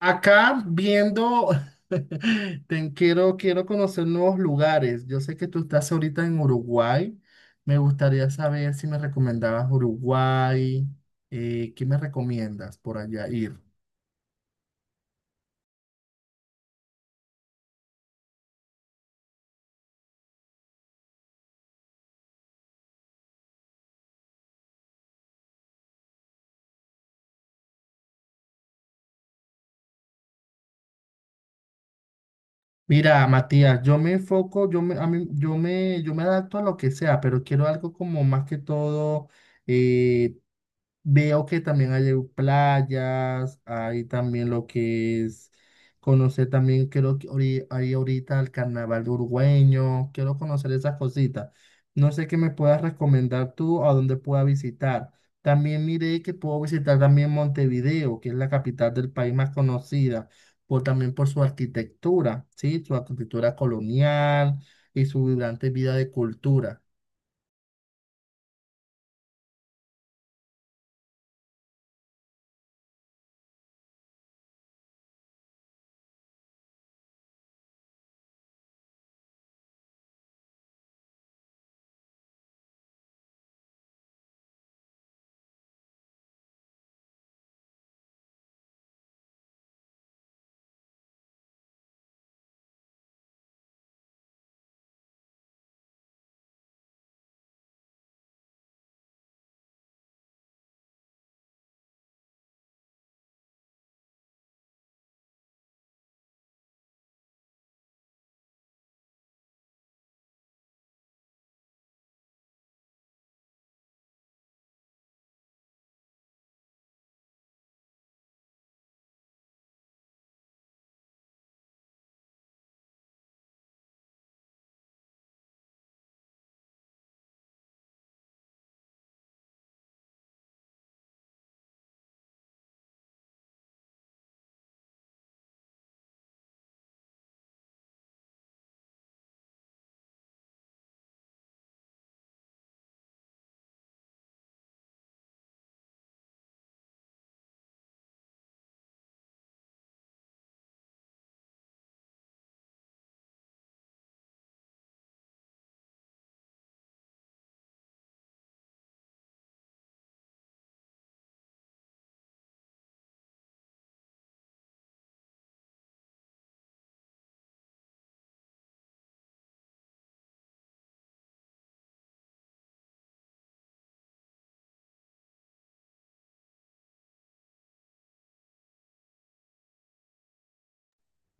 Acá viendo, quiero conocer nuevos lugares. Yo sé que tú estás ahorita en Uruguay. Me gustaría saber si me recomendabas Uruguay. ¿qué me recomiendas por allá ir? Mira, Matías, yo me enfoco, yo me adapto a lo que sea, pero quiero algo como más que todo, eh, veo que también hay playas, hay también lo que es conocer también, creo que hay ahorita el carnaval uruguayo, quiero conocer esas cositas. No sé qué me puedas recomendar tú a dónde pueda visitar. También miré que puedo visitar también Montevideo, que es la capital del país más conocida por, también por su arquitectura, ¿sí? Su arquitectura colonial y su vibrante vida de cultura.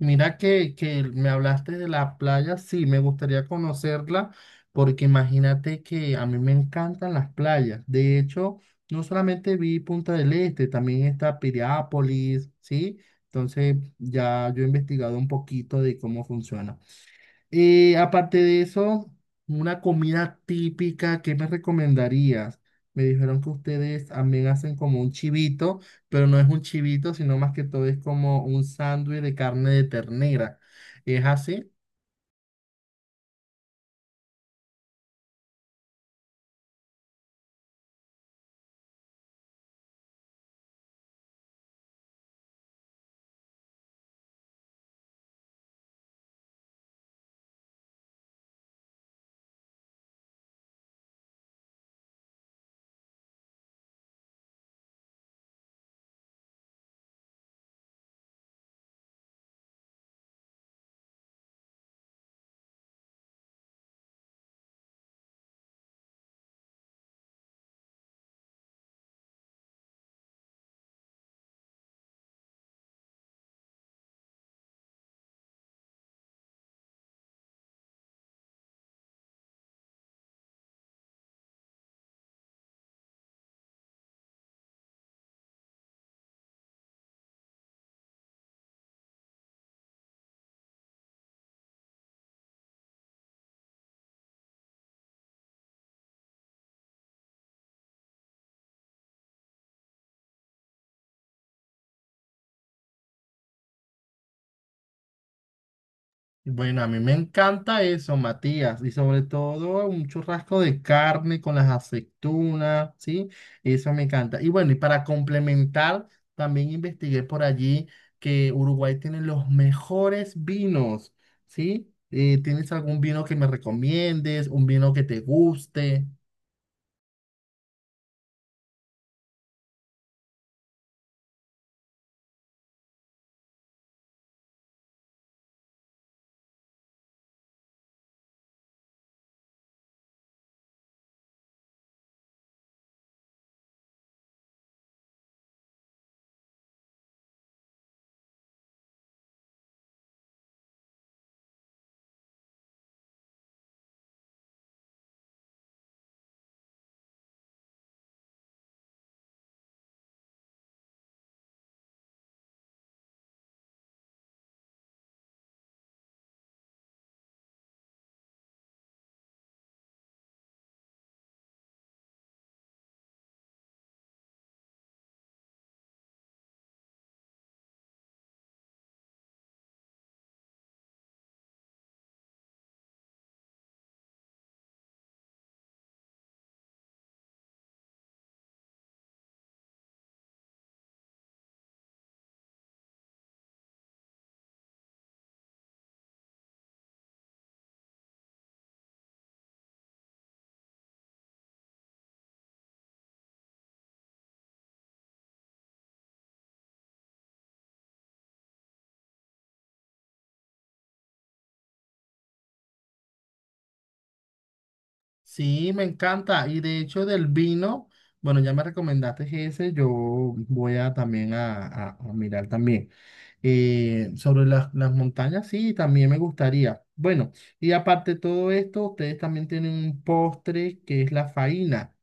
Mira que me hablaste de la playa, sí, me gustaría conocerla, porque imagínate que a mí me encantan las playas. De hecho, no solamente vi Punta del Este, también está Piriápolis, ¿sí? Entonces ya yo he investigado un poquito de cómo funciona. Aparte de eso, una comida típica, ¿qué me recomendarías? Me dijeron que ustedes también hacen como un chivito, pero no es un chivito, sino más que todo es como un sándwich de carne de ternera. ¿Es así? Bueno, a mí me encanta eso, Matías, y sobre todo un churrasco de carne con las aceitunas, ¿sí? Eso me encanta. Y bueno, y para complementar, también investigué por allí que Uruguay tiene los mejores vinos, ¿sí? ¿tienes algún vino que me recomiendes, un vino que te guste? Sí, me encanta. Y de hecho del vino, bueno, ya me recomendaste ese, yo voy a también a mirar también. Sobre las montañas, sí, también me gustaría. Bueno, y aparte de todo esto, ustedes también tienen un postre que es la faina.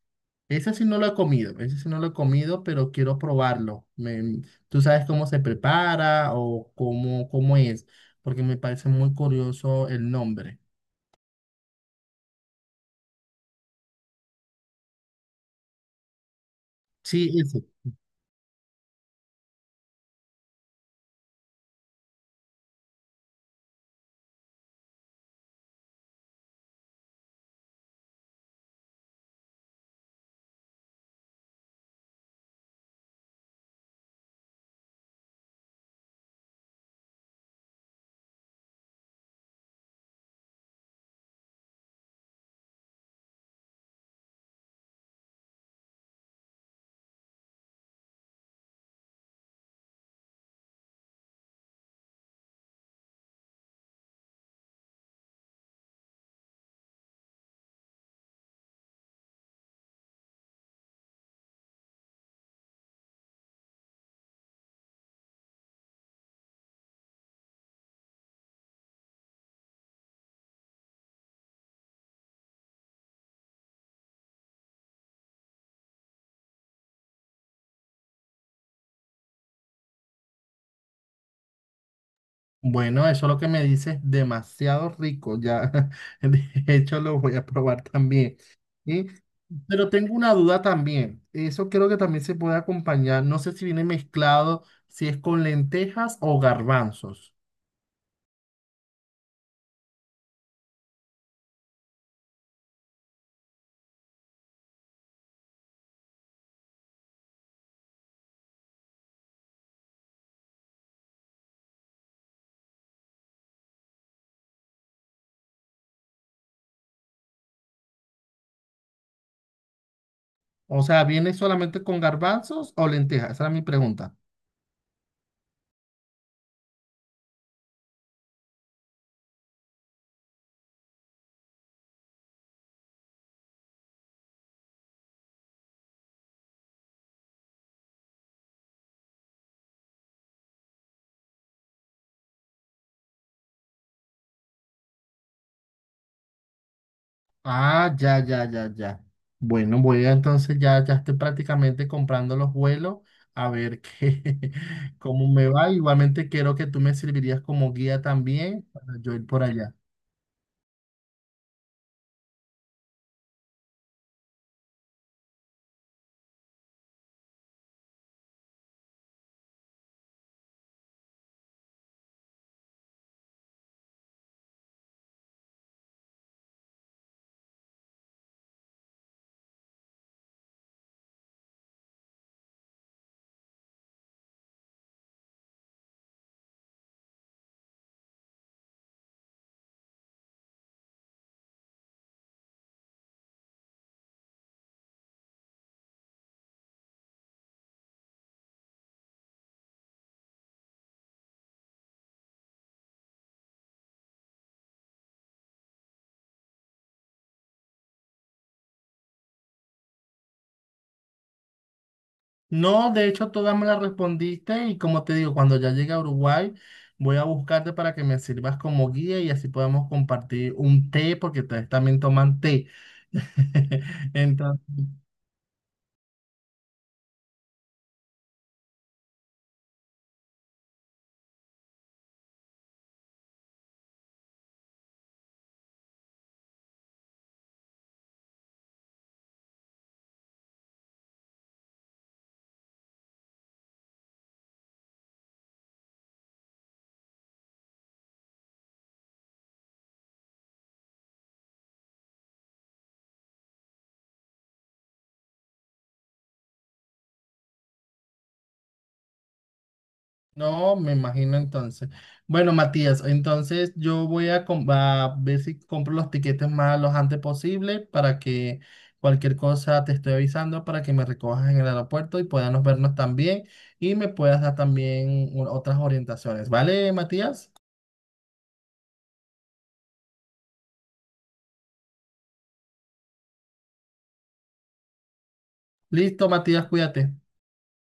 Ese sí no lo he comido, ese sí no lo he comido, pero quiero probarlo. ¿Tú sabes cómo se prepara o cómo es? Porque me parece muy curioso el nombre. Sí, ese. Bueno, eso lo que me dices es demasiado rico. Ya de hecho lo voy a probar también. ¿Sí? Pero tengo una duda también, eso creo que también se puede acompañar, no sé si viene mezclado, si es con lentejas o garbanzos. O sea, ¿viene solamente con garbanzos o lentejas? Esa era mi pregunta. Ah, ya, ya, ya, ya. Bueno, voy a entonces ya, ya estoy prácticamente comprando los vuelos a ver qué, cómo me va. Igualmente quiero que tú me servirías como guía también para yo ir por allá. No, de hecho, todas me las respondiste y como te digo, cuando ya llegue a Uruguay, voy a buscarte para que me sirvas como guía y así podamos compartir un té, porque ustedes también toman té. Entonces, no, me imagino entonces. Bueno, Matías, entonces yo voy a, a ver si compro los tiquetes más lo antes posible para que cualquier cosa te estoy avisando para que me recojas en el aeropuerto y podamos vernos también y me puedas dar también otras orientaciones. ¿Vale, Matías? Listo, Matías, cuídate.